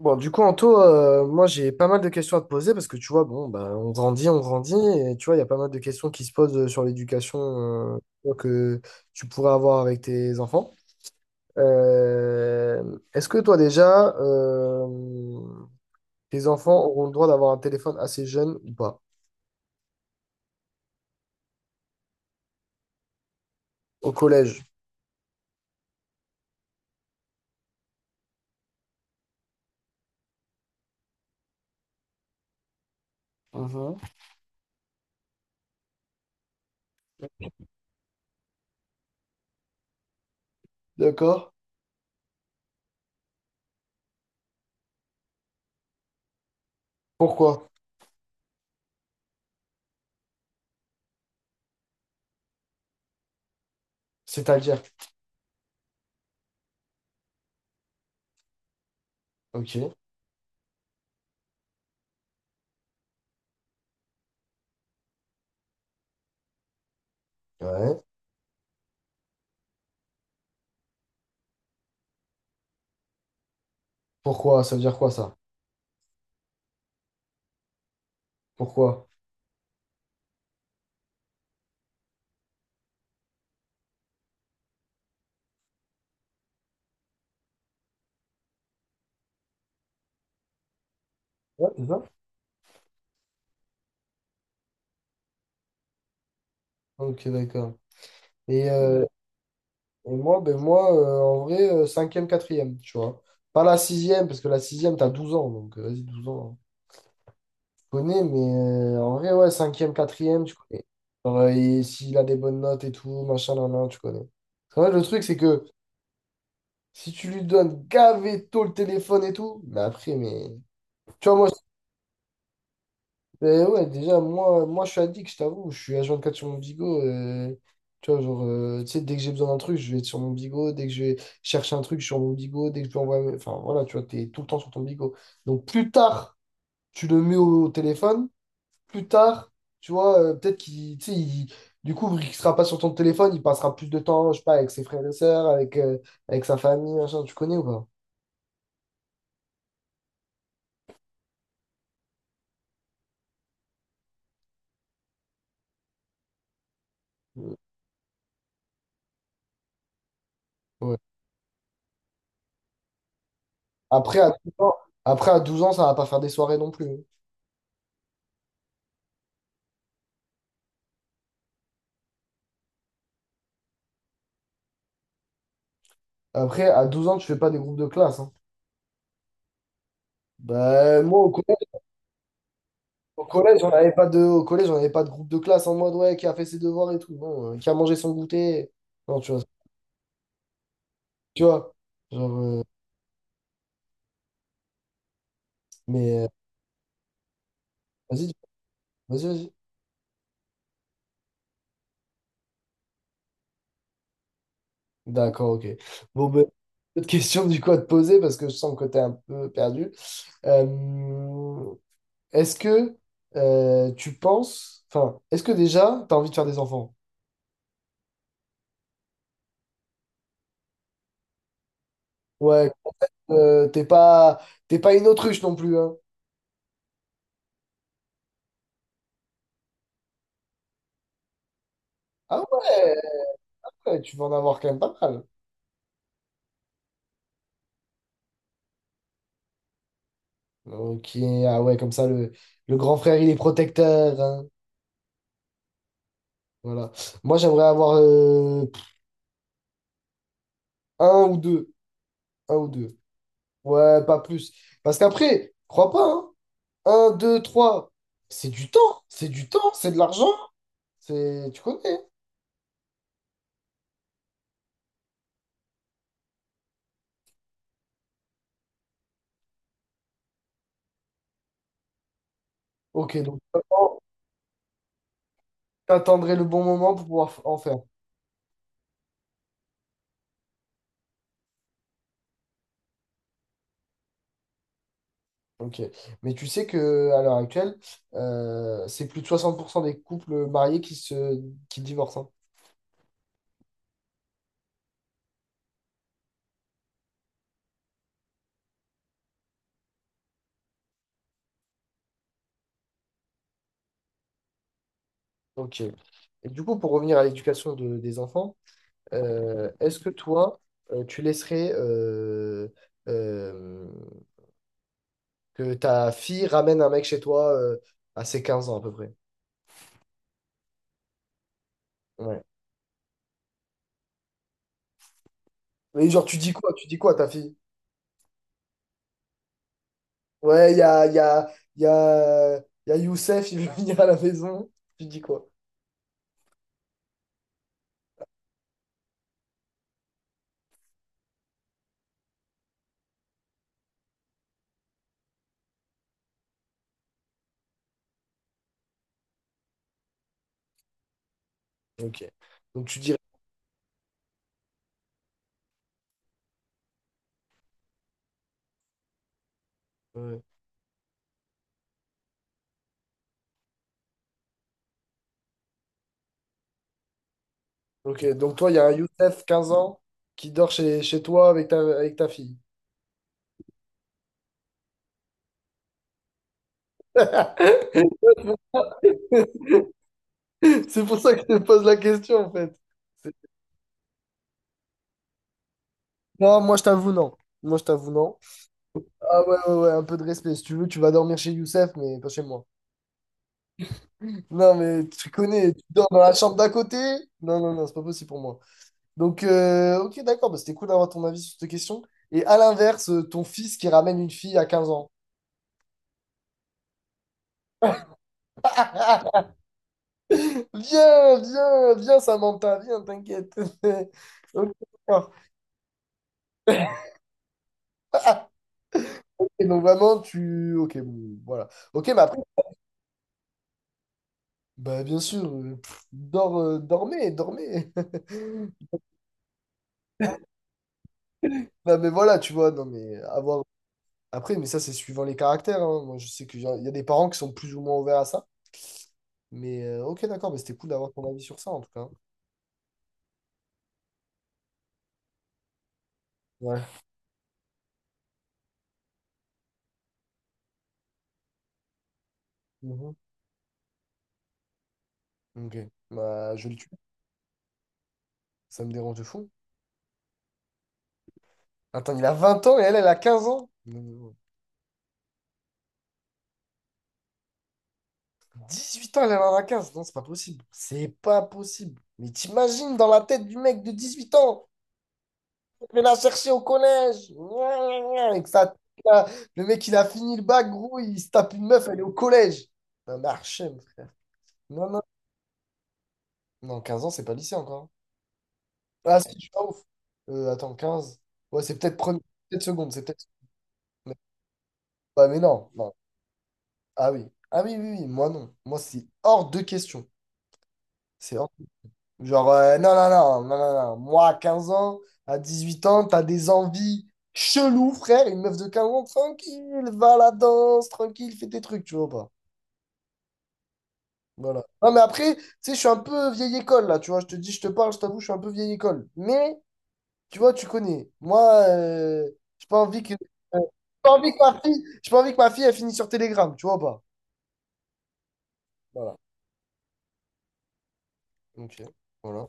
Bon, du coup, Anto, moi j'ai pas mal de questions à te poser parce que tu vois, bon, ben, on grandit, et tu vois, il y a pas mal de questions qui se posent sur l'éducation euh, que tu pourrais avoir avec tes enfants. Est-ce que toi déjà, tes enfants auront le droit d'avoir un téléphone assez jeune ou pas? Au collège. Mhm. D'accord. Pourquoi? C'est-à-dire. Ok. Ouais. Pourquoi? Ça veut dire quoi ça? Pourquoi? Ouais, c'est ça. Ok, d'accord. Et euh, Et moi, ben moi en vrai, cinquième, quatrième, tu vois. Pas la sixième, parce que la sixième, t'as 12 ans, donc vas-y, 12 ans. Hein. Tu connais, mais en vrai, ouais, cinquième, quatrième, tu connais. Genre, et s'il a des bonnes notes et tout, machin, nan, nan, tu connais. En vrai, le truc, c'est que si tu lui donnes gavé tôt le téléphone et tout, mais après, mais... Tu vois, moi, mais ouais, déjà, moi je suis addict, je t'avoue. Je suis H24 sur mon Bigo. Tu vois, genre, tu sais, dès que j'ai besoin d'un truc, je vais être sur mon Bigo. Dès que je vais chercher un truc, je suis sur mon Bigo. Dès que je peux envoyer. Enfin, voilà, tu vois, t'es tout le temps sur ton Bigo. Donc, plus tard, tu le mets au téléphone. Plus tard, tu vois, peut-être qu'il. Tu sais, du coup, il sera pas sur ton téléphone, il passera plus de temps, je sais pas, avec ses frères et sœurs, avec sa famille, machin. Tu connais ou pas? Euh, Ouais. Après, à 12 ans, après, à 12 ans, ça va pas faire des soirées non plus. Hein. Après, à 12 ans, tu fais pas des groupes de classe. Hein. Bah, moi, au collège, on n'avait pas de, au collège, on avait pas de groupe de classe en mode, ouais, qui a fait ses devoirs et tout. Non, qui a mangé son goûter. Non, tu vois. Tu vois. Genre, mais vas-y, vas-y, vas-y. D'accord, ok. Bon, ben, autre question du coup à te poser parce que je sens que t'es un peu perdu. Euh, est-ce que tu penses, enfin, est-ce que déjà, t'as envie de faire des enfants? Ouais, euh, t'es pas, t'es pas une autruche non plus, hein. Ah ouais. Ouais, tu vas en avoir quand même pas mal. Ok, ah ouais, comme ça, le grand frère, il est protecteur. Hein. Voilà. Moi, j'aimerais avoir un ou deux. Un ou deux. Ouais, pas plus. Parce qu'après, crois pas, hein. Un, deux, trois. C'est du temps. C'est du temps. C'est de l'argent. C'est... Tu connais. Hein. Ok, donc t'attendrais le bon moment pour pouvoir en faire. Ok. Mais tu sais que à l'heure actuelle, c'est plus de 60% des couples mariés qui divorcent. Hein. Ok. Et du coup, pour revenir à l'éducation des enfants, est-ce que toi, tu laisserais euh, que ta fille ramène un mec chez toi à ses 15 ans à peu près? Ouais. Mais genre, tu dis quoi? Tu dis quoi à ta fille? Ouais, il y a, il y a Youssef, il veut venir à la maison. Tu dis quoi? Ok. Donc tu dirais. Ouais. Ok. Donc toi, il y a un Youssef, 15 ans, qui dort chez toi avec ta fille. C'est pour ça que je te pose la question en fait. Non, moi je t'avoue, non. Moi je t'avoue, non. Ah ouais, ouais, ouais, un peu de respect. Si tu veux, tu vas dormir chez Youssef, mais pas chez moi. Non, mais tu connais, tu dors dans la chambre d'à côté. Non, non, non, c'est pas possible pour moi. Donc, ok, d'accord, bah, c'était cool d'avoir ton avis sur cette question. Et à l'inverse, ton fils qui ramène une fille à 15 ans. Viens, viens, viens, Samantha, viens, t'inquiète. Ok, d'accord. Et donc vraiment, tu... Ok, bon, voilà. Ok, mais après, bah, bien sûr, dormez, dormez. Bah, mais voilà, tu vois, non, mais avoir. Après, mais ça, c'est suivant les caractères. Hein. Moi, je sais qu'il y a des parents qui sont plus ou moins ouverts à ça. Mais ok, d'accord, mais c'était cool d'avoir ton avis sur ça, en tout cas. Ouais. Mhm. Ok. Bah, je le tue. Ça me dérange de fou. Attends, il a 20 ans et elle a 15 ans? Non, non, non. 18 ans, elle en a 15. Non, c'est pas possible. C'est pas possible. Mais t'imagines dans la tête du mec de 18 ans, il l'a cherché au collège. Gna, gna, gna, avec sa... Le mec, il a fini le bac, gros, il se tape une meuf, elle est au collège. Un archem. Non, non. Non, 15 ans, c'est pas lycée encore. Ah, si, je suis pas ouf. Attends, quinze. Ouais, c'est peut-être premier, peut-être seconde, c'est peut-être. Mais... Ouais, mais non, non. Ah oui. Ah oui, oui, oui, moi non. Moi, c'est hors de question. C'est hors... Genre, non, non, non, non, non, non. Moi, à 15 ans, à 18 ans, t'as des envies cheloues, frère. Une meuf de 15 ans, tranquille, va à la danse, tranquille, fais tes trucs, tu vois ou pas. Voilà. Non, mais après, tu sais, je suis un peu vieille école, là, tu vois. Je te dis, je te parle, je t'avoue, je suis un peu vieille école. Mais. Tu vois, tu connais. Moi, euh, j'ai pas envie que. J'ai pas envie que ma fille, j'ai pas envie que ma fille, elle finisse sur Telegram, tu vois ou pas? Voilà. Ok. Voilà.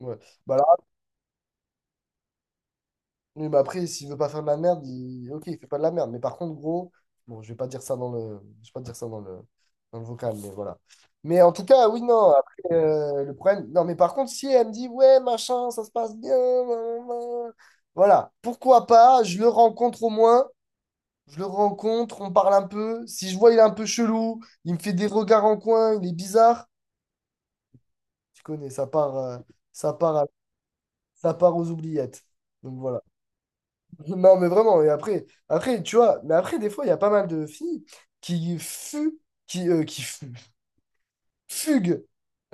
Ouais. Bah là, oui, mais après, s'il veut pas faire de la merde, il... ok, il fait pas de la merde. Mais par contre, gros, bon, je vais pas dire ça dans le. Je vais pas dire ça dans le vocal, mais voilà. Mais en tout cas, oui, non. Après, le problème. Non, mais par contre, si elle me dit, ouais, machin, ça se passe bien. Blablabla. Voilà. Pourquoi pas? Je le rencontre au moins. Je le rencontre, on parle un peu. Si je vois, il est un peu chelou, il me fait des regards en coin, il est bizarre. Tu connais, ça part, à- ça part aux oubliettes. Donc voilà. Non, mais vraiment. Et après, tu vois, mais après, des fois, il y a pas mal de filles qui fuient, qui fuguent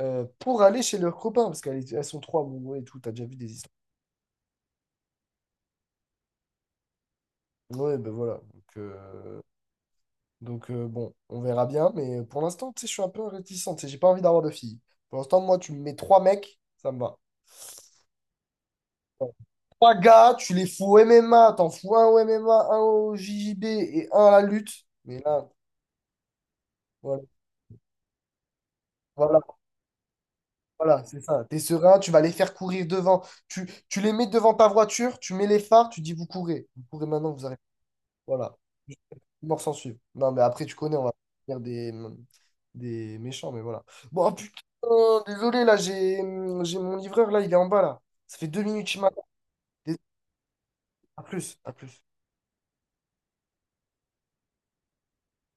pour aller chez leurs copains parce qu'elles sont trois, bon, ouais, et tout. T'as déjà vu des histoires. Ouais, ben voilà. Donc, bon, on verra bien, mais pour l'instant, tu sais, je suis un peu réticent, tu sais, j'ai pas envie d'avoir de filles. Pour l'instant, moi, tu me mets trois mecs, ça me va. Bon, trois gars, tu les fous au MMA, t'en fous un au MMA, un au JJB et un à la lutte. Mais là, voilà, voilà, voilà, c'est ça. T'es serein, tu vas les faire courir devant. Tu les mets devant ta voiture, tu mets les phares, tu dis vous courez. Vous courez maintenant, vous arrêtez. Voilà. Les morts s'en suivent. Non, mais après, tu connais, on va faire des méchants, mais voilà. Bon, ah, putain, désolé, là, j'ai mon livreur, là, il est en bas, là. Ça fait 2 minutes qu'il m'attend. Désolé. À plus, à plus.